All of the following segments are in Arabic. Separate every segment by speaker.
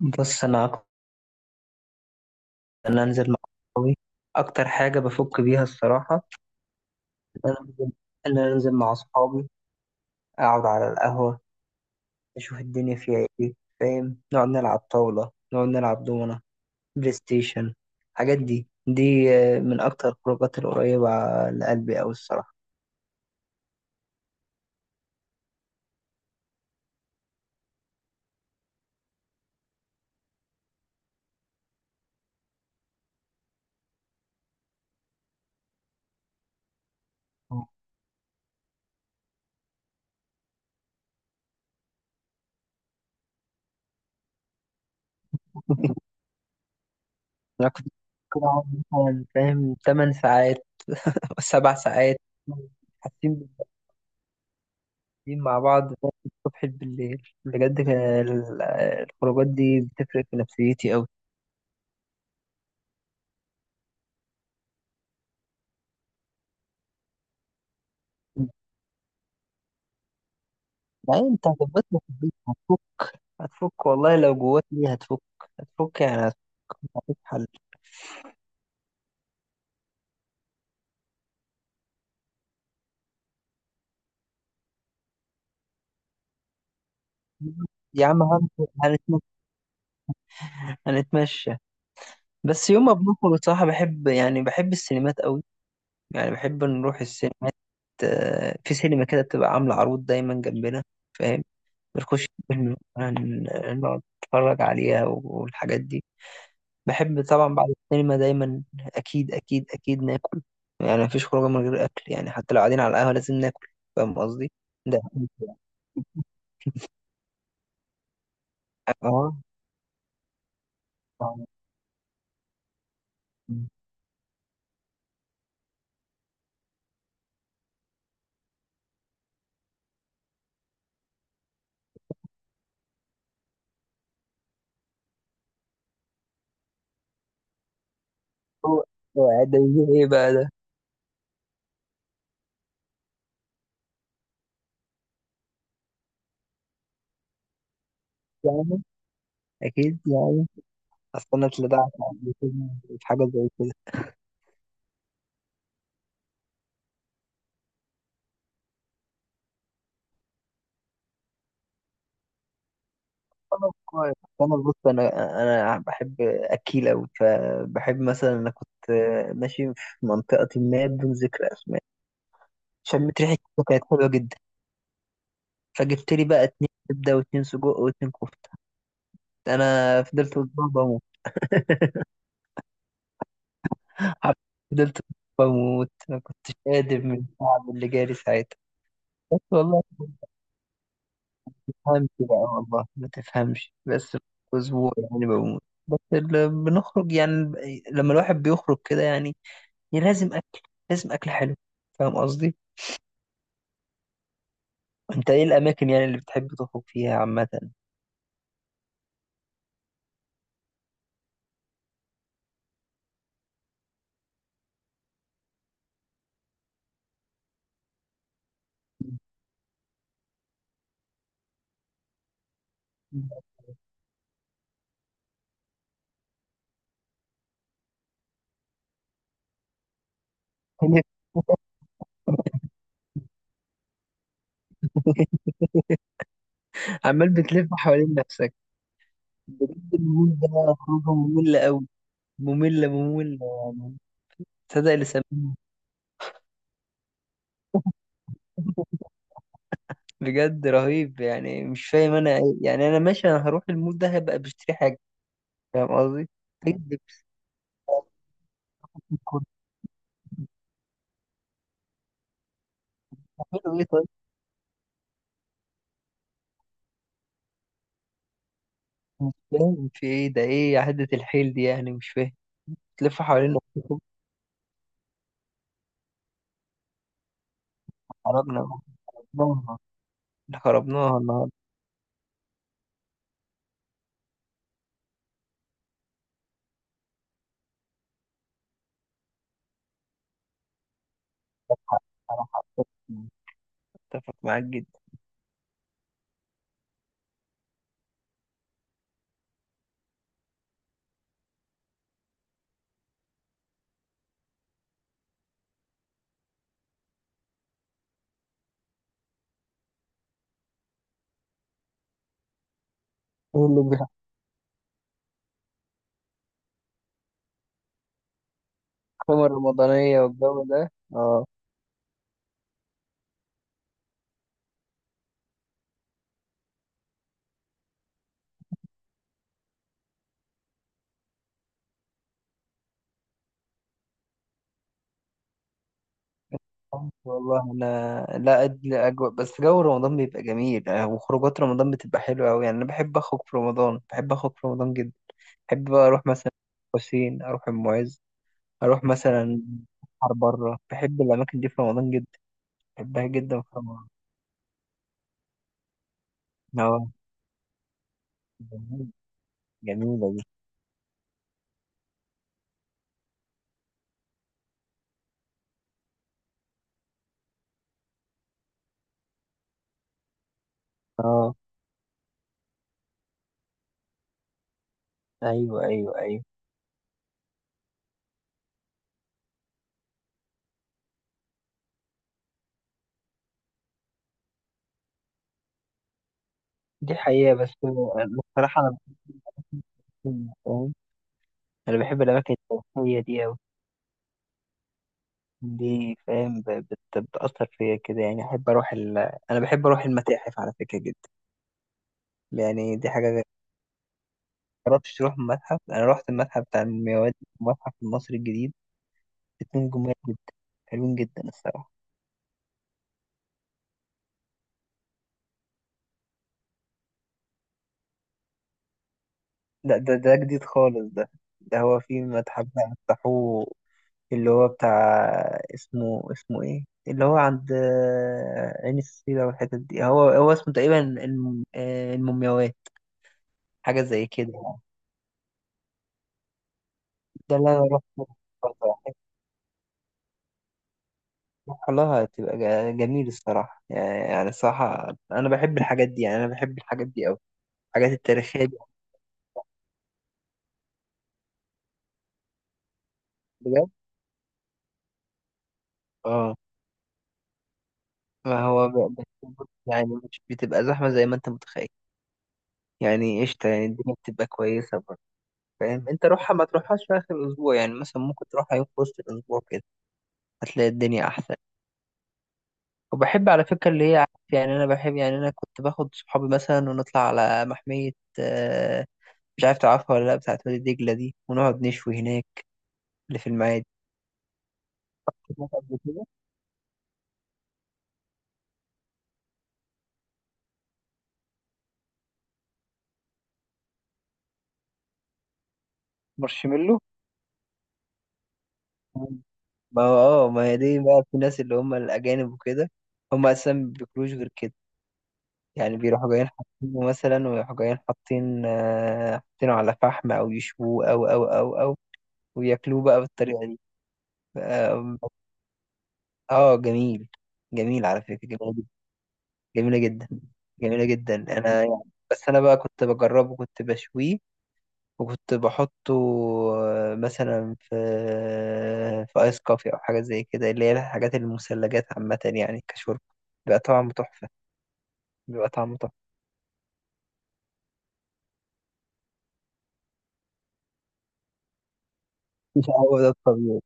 Speaker 1: بص انا اكتر ان انزل مع اصحابي اكتر حاجه بفك بيها الصراحه ان انا انزل ان انا انزل مع اصحابي، اقعد على القهوه، اشوف الدنيا فيها ايه. فاهم؟ نقعد نلعب طاوله، نقعد نلعب دومنه، بلاي ستيشن، الحاجات دي. من اكتر الخروجات القريبه لقلبي اوي الصراحه. انا كنت اقعد مثلا فاهم 8 ساعات، 7 ساعات. حاسين قاعدين مع بعض من الصبح بالليل، بجد كان الخروجات دي بتفرق في نفسيتي أوي. لا أنت هتبقى في البيت، هتفك والله، لو جواك ليه هتفك، هتفك يعني هتفك. مفيش حل. يا عم هنتمشى، هنتمشى. بس يوم ما بنخرج بصراحة بحب، يعني بحب السينمات أوي، يعني بحب نروح السينمات. في سينما كده بتبقى عاملة عروض دايما جنبنا، فاهم؟ بنخش فيلم، نقعد نتفرج عليها والحاجات دي. بحب طبعا بعد السينما دايما اكيد اكيد اكيد ناكل، يعني مفيش خروجه من غير اكل، يعني حتى لو قاعدين على القهوه لازم ناكل. فاهم قصدي؟ ده أكيد. اه. هو هو ده يجيب ايه بقى ده؟ يعني اكيد يعني. اصل انا اتلدعت قبل كده في حاجه زي كده. انا كويس. انا، بص، انا بحب اكيل اوي، فبحب مثلا انا كنت ماشي في منطقه ما بدون ذكر اسماء، شميت ريحه كده كانت حلوه جدا، فجبت لي بقى اتنين كبده واتنين سجق واتنين كفته. انا فضلت اسبوع بموت. حرفياً فضلت أسبوع بموت، ما كنتش قادر من التعب اللي جالي ساعتها. بس والله ما تفهمش بقى، والله ما تفهمش. بس اسبوع يعني بموت. بس اللي بنخرج يعني، لما الواحد بيخرج كده يعني لازم اكل، لازم اكل حلو. فاهم قصدي؟ انت ايه الاماكن يعني اللي بتحب تخرج فيها عامه؟ عمال بتلف حوالين نفسك. بجد المول ده خروجه مملة قوي، مملة مملة يعني. تصدق اللي سموه. بجد رهيب يعني، مش فاهم انا إيه. يعني انا ماشي انا هروح المول ده هبقى بشتري حاجة، فاهم قصدي؟ إيه اللي بتكون بتعملوا ايه طيب؟ مش فاهم في ايه ده، ايه عدة الحيل دي يعني؟ مش فاهم. تلف حوالين نفسكم. خربنا خربناها خربناها النهارده. صراحة اتفق معاك جدا. ايه اللي بيحكم الرمضانية والجو ده؟ اه والله انا لا أدري اجواء، بس جو رمضان بيبقى جميل. وخروجات رمضان بتبقى حلوه قوي، يعني انا بحب اخرج في رمضان، بحب اخرج في رمضان جدا. بحب بقى اروح مثلا، حسين، اروح المعز، اروح مثلا بحر بره، بحب الاماكن دي في رمضان جدا، بحبها جدا في رمضان. اه جميل. جميله دي. اه ايوه ايوه ايوه. دي حقيقه. بس، بصراحه انا بحب، فاهم، انا بحب الاماكن التاريخيه دي أوي. دي فاهم بتأثر فيا كده يعني، أحب أروح ال... أنا بحب أروح المتاحف على فكرة جدا. يعني دي حاجة غير، مجربتش تروح متحف؟ أنا رحت المتحف بتاع المومياوات، المتحف المصري الجديد، اتنين جمال جدا، حلوين جدا الصراحة. لا ده ده جديد خالص ده. ده هو في متحف بقى فتحوه، اللي هو بتاع، اسمه اسمه إيه، اللي هو عند عين السيرة والحتت دي، هو اسمه تقريبا المومياوات، حاجة زي كده يعني. ده اللي أنا رحت. والله هتبقى جميل الصراحة، يعني يعني الصراحة أنا بحب الحاجات دي، يعني أنا بحب الحاجات دي أوي، الحاجات التاريخية دي. بجد اه. ما هو يعني مش بتبقى زحمة زي ما أنت متخيل، يعني قشطة، يعني الدنيا بتبقى كويسة برضه. فاهم أنت، روحها ما تروحهاش في آخر الأسبوع، يعني مثلا ممكن تروحها يوم في وسط الأسبوع كده، هتلاقي الدنيا أحسن. وبحب على فكرة اللي هي عارف يعني، أنا بحب يعني، أنا كنت باخد صحابي مثلا ونطلع على محمية. آه، مش عارف تعرفها ولا لأ، بتاعت وادي دجلة دي، ونقعد نشوي هناك، اللي في المعادي. سمعت قبل كده مارشميلو. مم. ما هو اه، ما هي دي بقى في ناس اللي هم الأجانب وكده، هم أساسا ما بياكلوش غير كده، يعني بيروحوا جايين حاطينه مثلا، ويروحوا جايين حاطين، حاطينه على فحم أو يشووه أو وياكلوه بقى بالطريقة دي. اه جميل، جميل على فكرة، جميلة جدا، جميلة جدا، جميلة جدا أنا يعني. بس أنا بقى كنت بجربه، كنت بشويه وكنت بحطه، مثلا في ايس كوفي او حاجه زي كده، اللي هي الحاجات المثلجات عامه يعني كشرب، بيبقى طعمه تحفه. بيبقى طعمه تحفه، مش هو ده الطبيعي؟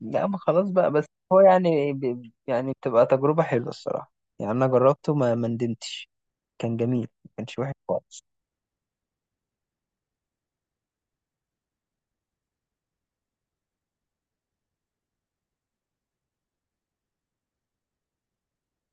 Speaker 1: لا ما خلاص بقى بس، هو يعني ب... يعني بتبقى تجربه حلوه الصراحه، يعني انا جربته ما ما ندمتش، كان جميل ما كانش وحش خالص.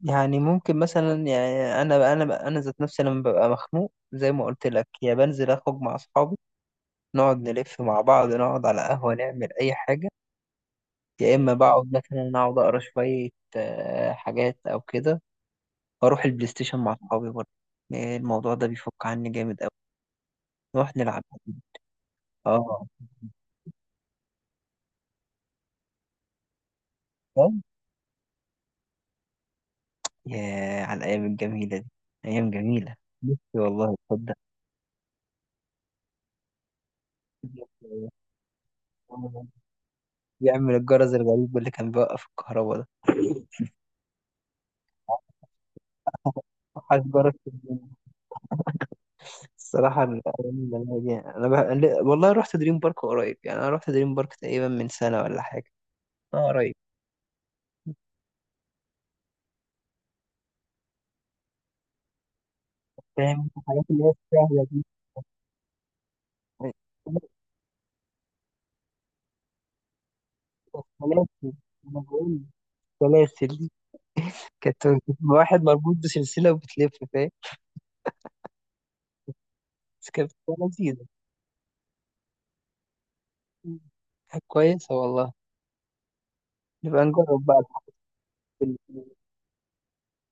Speaker 1: يعني ممكن مثلا يعني انا ذات نفسي لما ببقى مخنوق زي ما قلت لك، يا بنزل اخرج مع اصحابي، نقعد نلف مع بعض، نقعد على قهوه، نعمل اي حاجه. يا اما بقعد مثلا، اقعد اقرا شويه، حاجات او كده، واروح البلاي ستيشن مع اصحابي برضه. الموضوع ده بيفك عني جامد قوي. نروح نلعب. اه، فاهم؟ يا على الايام الجميله دي، ايام جميله. نفسي والله، تصدق؟ يعمل الجرس الغريب اللي كان بيوقف الكهرباء ده. وحش جرس الدنيا. الصراحه الايام الجميله دي انا بح... والله رحت دريم بارك قريب، يعني انا رحت دريم بارك تقريبا من سنه ولا حاجه. اه قريب. فاهم انت الحاجات اللي هي السهله. سلاسل، انا بقول سلاسل دي، كانت بتبقى واحد مربوط بسلسلة وبتلف، فاهم؟ بس كانت بتبقى لذيذة، كانت كويسة والله. نبقى نجرب بقى.